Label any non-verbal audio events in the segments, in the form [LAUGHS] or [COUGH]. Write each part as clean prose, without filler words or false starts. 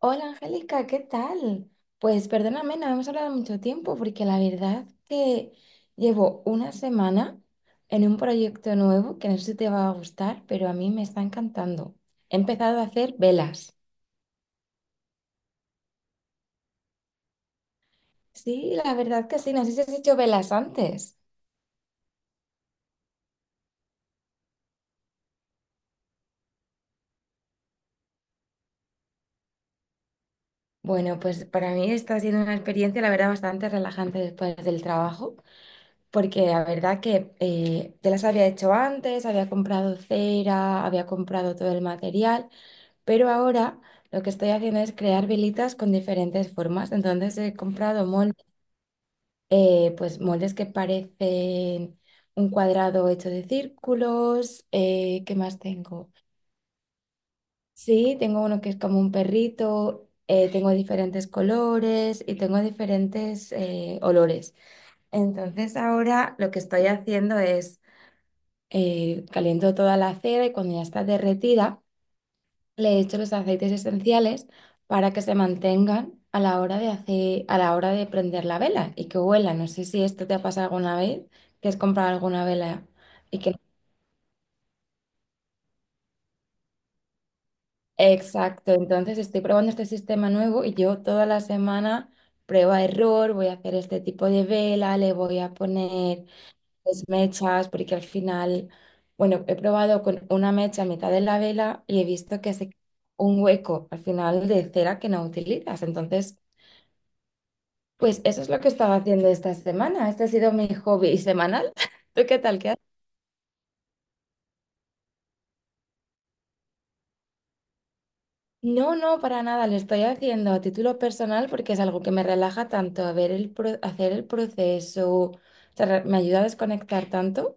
Hola Angélica, ¿qué tal? Pues perdóname, no hemos hablado mucho tiempo porque la verdad que llevo una semana en un proyecto nuevo que no sé si te va a gustar, pero a mí me está encantando. He empezado a hacer velas. Sí, la verdad que sí, no sé si has hecho velas antes. Bueno, pues para mí está siendo una experiencia, la verdad, bastante relajante después del trabajo, porque la verdad que ya las había hecho antes, había comprado cera, había comprado todo el material. Pero ahora lo que estoy haciendo es crear velitas con diferentes formas. Entonces he comprado moldes, pues moldes que parecen un cuadrado hecho de círculos. ¿Qué más tengo? Sí, tengo uno que es como un perrito. Tengo diferentes colores y tengo diferentes olores. Entonces ahora lo que estoy haciendo es caliento toda la cera y cuando ya está derretida le echo los aceites esenciales para que se mantengan a la hora de hacer, a la hora de prender la vela y que huela. No sé si esto te ha pasado alguna vez, que has comprado alguna vela y que... Exacto, entonces estoy probando este sistema nuevo y yo toda la semana prueba error, voy a hacer este tipo de vela, le voy a poner pues, mechas, porque al final, bueno, he probado con una mecha a mitad de la vela y he visto que hace un hueco al final de cera que no utilizas, entonces... Pues eso es lo que estaba haciendo esta semana. Este ha sido mi hobby semanal. [LAUGHS] ¿Tú qué tal? ¿Qué haces? No, no, para nada. Lo estoy haciendo a título personal porque es algo que me relaja tanto, a ver el hacer el proceso. O sea, me ayuda a desconectar tanto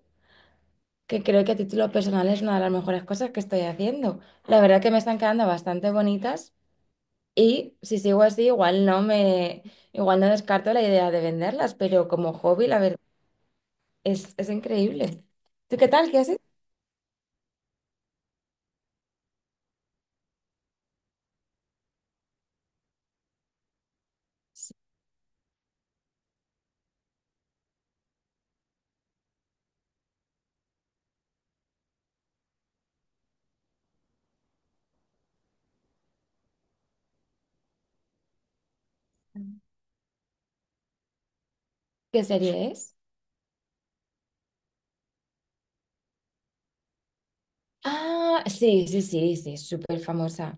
que creo que a título personal es una de las mejores cosas que estoy haciendo. La verdad que me están quedando bastante bonitas y si sigo así, igual no descarto la idea de venderlas, pero como hobby, la verdad, es increíble. ¿Tú qué tal? ¿Qué haces? ¿Qué serie es? Ah, sí, sí, sí, sí, es súper famosa.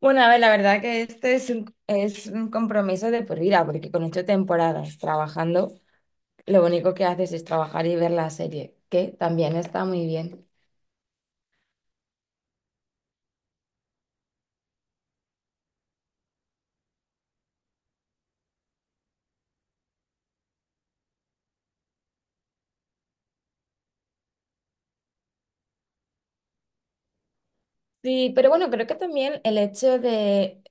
Bueno, a ver, la verdad que es un compromiso de por vida, porque con ocho temporadas trabajando, lo único que haces es trabajar y ver la serie, que también está muy bien. Sí, pero bueno, creo que también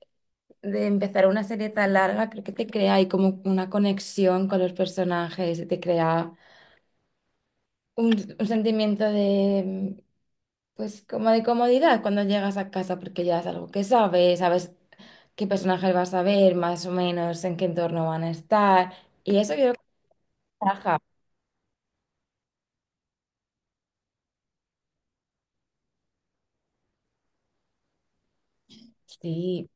de empezar una serie tan larga, creo que te crea ahí como una conexión con los personajes, y te crea un sentimiento de, pues, como de comodidad cuando llegas a casa, porque ya es algo que sabes qué personajes vas a ver, más o menos en qué entorno van a estar. Y eso yo creo que trabaja. Sí,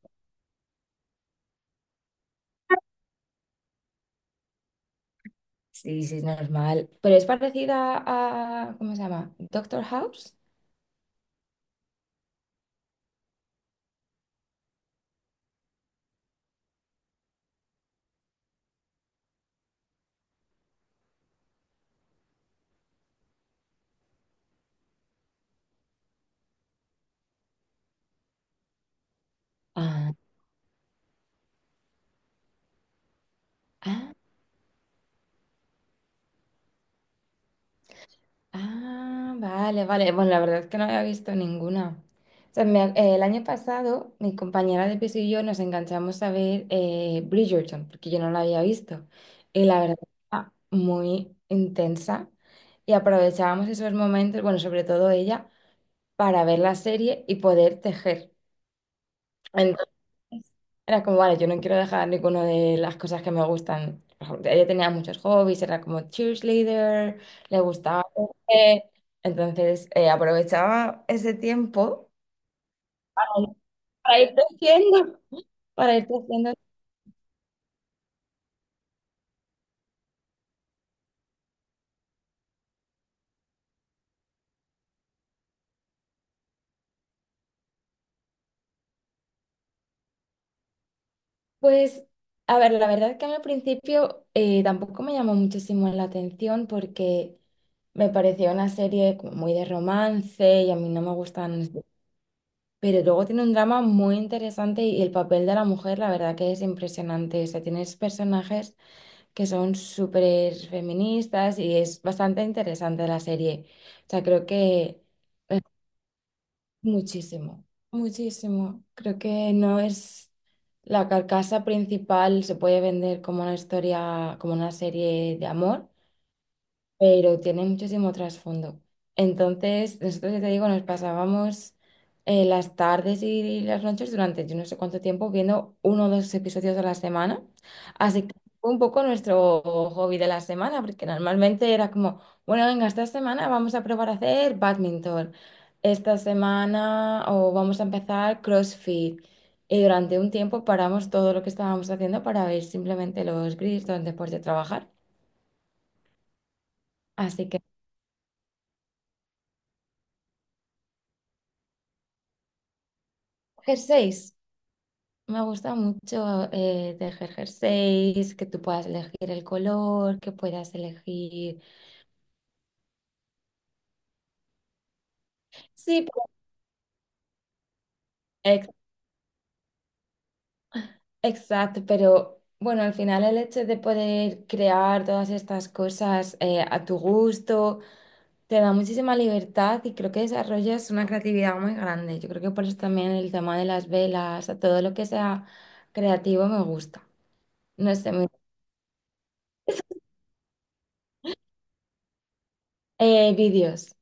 sí, sí, es normal. Pero es parecida a, ¿cómo se llama? Doctor House. Ah, ah, ah, vale, vale. Bueno, la verdad es que no había visto ninguna. O sea, el año pasado, mi compañera de piso y yo nos enganchamos a ver Bridgerton, porque yo no la había visto. Y la verdad, era muy intensa. Y aprovechábamos esos momentos, bueno, sobre todo ella para ver la serie y poder tejer. Entonces era como, vale, yo no quiero dejar ninguna de las cosas que me gustan. Por ejemplo, ella tenía muchos hobbies, era como cheerleader, le gustaba tejer. Entonces aprovechaba ese tiempo para para ir tejiendo, para ir tejiendo. Pues, a ver, la verdad que a mí al principio tampoco me llamó muchísimo la atención porque me parecía una serie como muy de romance y a mí no me gustan. Pero luego tiene un drama muy interesante y el papel de la mujer, la verdad que es impresionante. O sea, tienes personajes que son súper feministas y es bastante interesante la serie. O sea, creo que muchísimo, muchísimo. Creo que no es la carcasa principal, se puede vender como una historia, como una serie de amor, pero tiene muchísimo trasfondo. Entonces, nosotros, ya te digo, nos pasábamos las tardes y las noches durante yo no sé cuánto tiempo viendo uno o dos episodios a la semana. Así que fue un poco nuestro hobby de la semana, porque normalmente era como, bueno, venga, esta semana vamos a probar a hacer badminton, esta semana o vamos a empezar CrossFit. Y durante un tiempo paramos todo lo que estábamos haciendo para ver simplemente los grills donde después de trabajar. Así que, jersey. Me gusta mucho tejer jerseys, que tú puedas elegir el color, que puedas elegir. Sí, pero- ex- exacto, pero bueno, al final el hecho de poder crear todas estas cosas a tu gusto te da muchísima libertad y creo que desarrollas una creatividad muy grande. Yo creo que por eso también el tema de las velas, a todo lo que sea creativo me gusta. No sé, me- vídeos.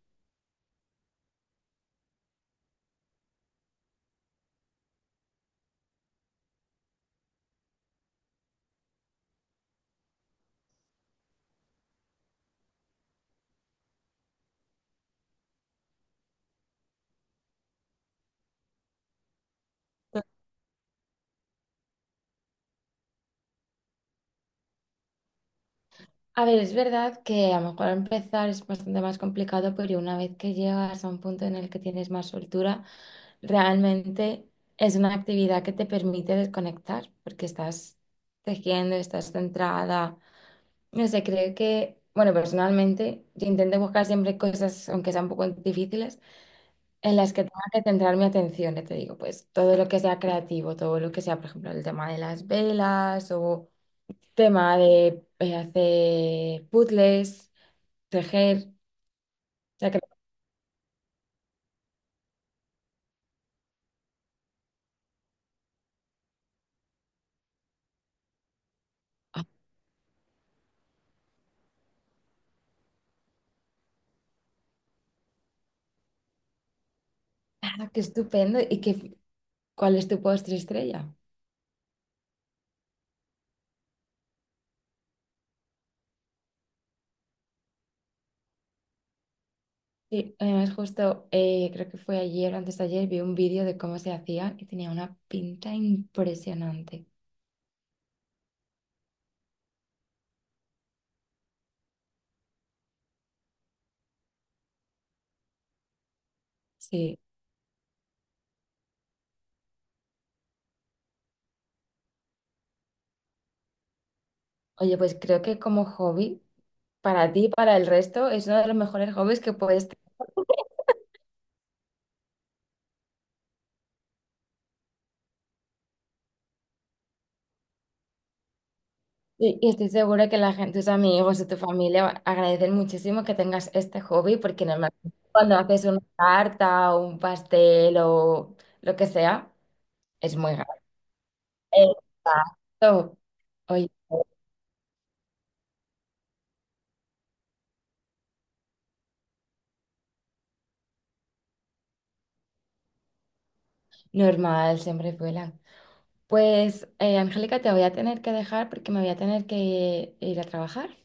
A ver, es verdad que a lo mejor empezar es bastante más complicado, pero una vez que llegas a un punto en el que tienes más soltura, realmente es una actividad que te permite desconectar, porque estás tejiendo, estás centrada. No sé, creo que, bueno, personalmente, yo intento buscar siempre cosas, aunque sean un poco difíciles, en las que tenga que centrar mi atención, ya te digo, pues todo lo que sea creativo, todo lo que sea, por ejemplo, el tema de las velas o tema de hacer puzzles tejer. Sea, que, [LAUGHS] ah, qué estupendo. ¿Y qué, cuál es tu postre estrella? Sí, además justo creo que fue ayer o antes de ayer vi un vídeo de cómo se hacía y tenía una pinta impresionante. Sí. Oye, pues creo que como hobby, para ti y para el resto, es uno de los mejores hobbies que puedes tener. Y estoy segura que la gente, tus amigos y tu familia agradecen muchísimo que tengas este hobby, porque normalmente cuando haces una tarta o un pastel o lo que sea, es muy. Exacto. Oye, normal, siempre vuelan. Pues, Angélica, te voy a tener que dejar porque me voy a tener que ir a trabajar.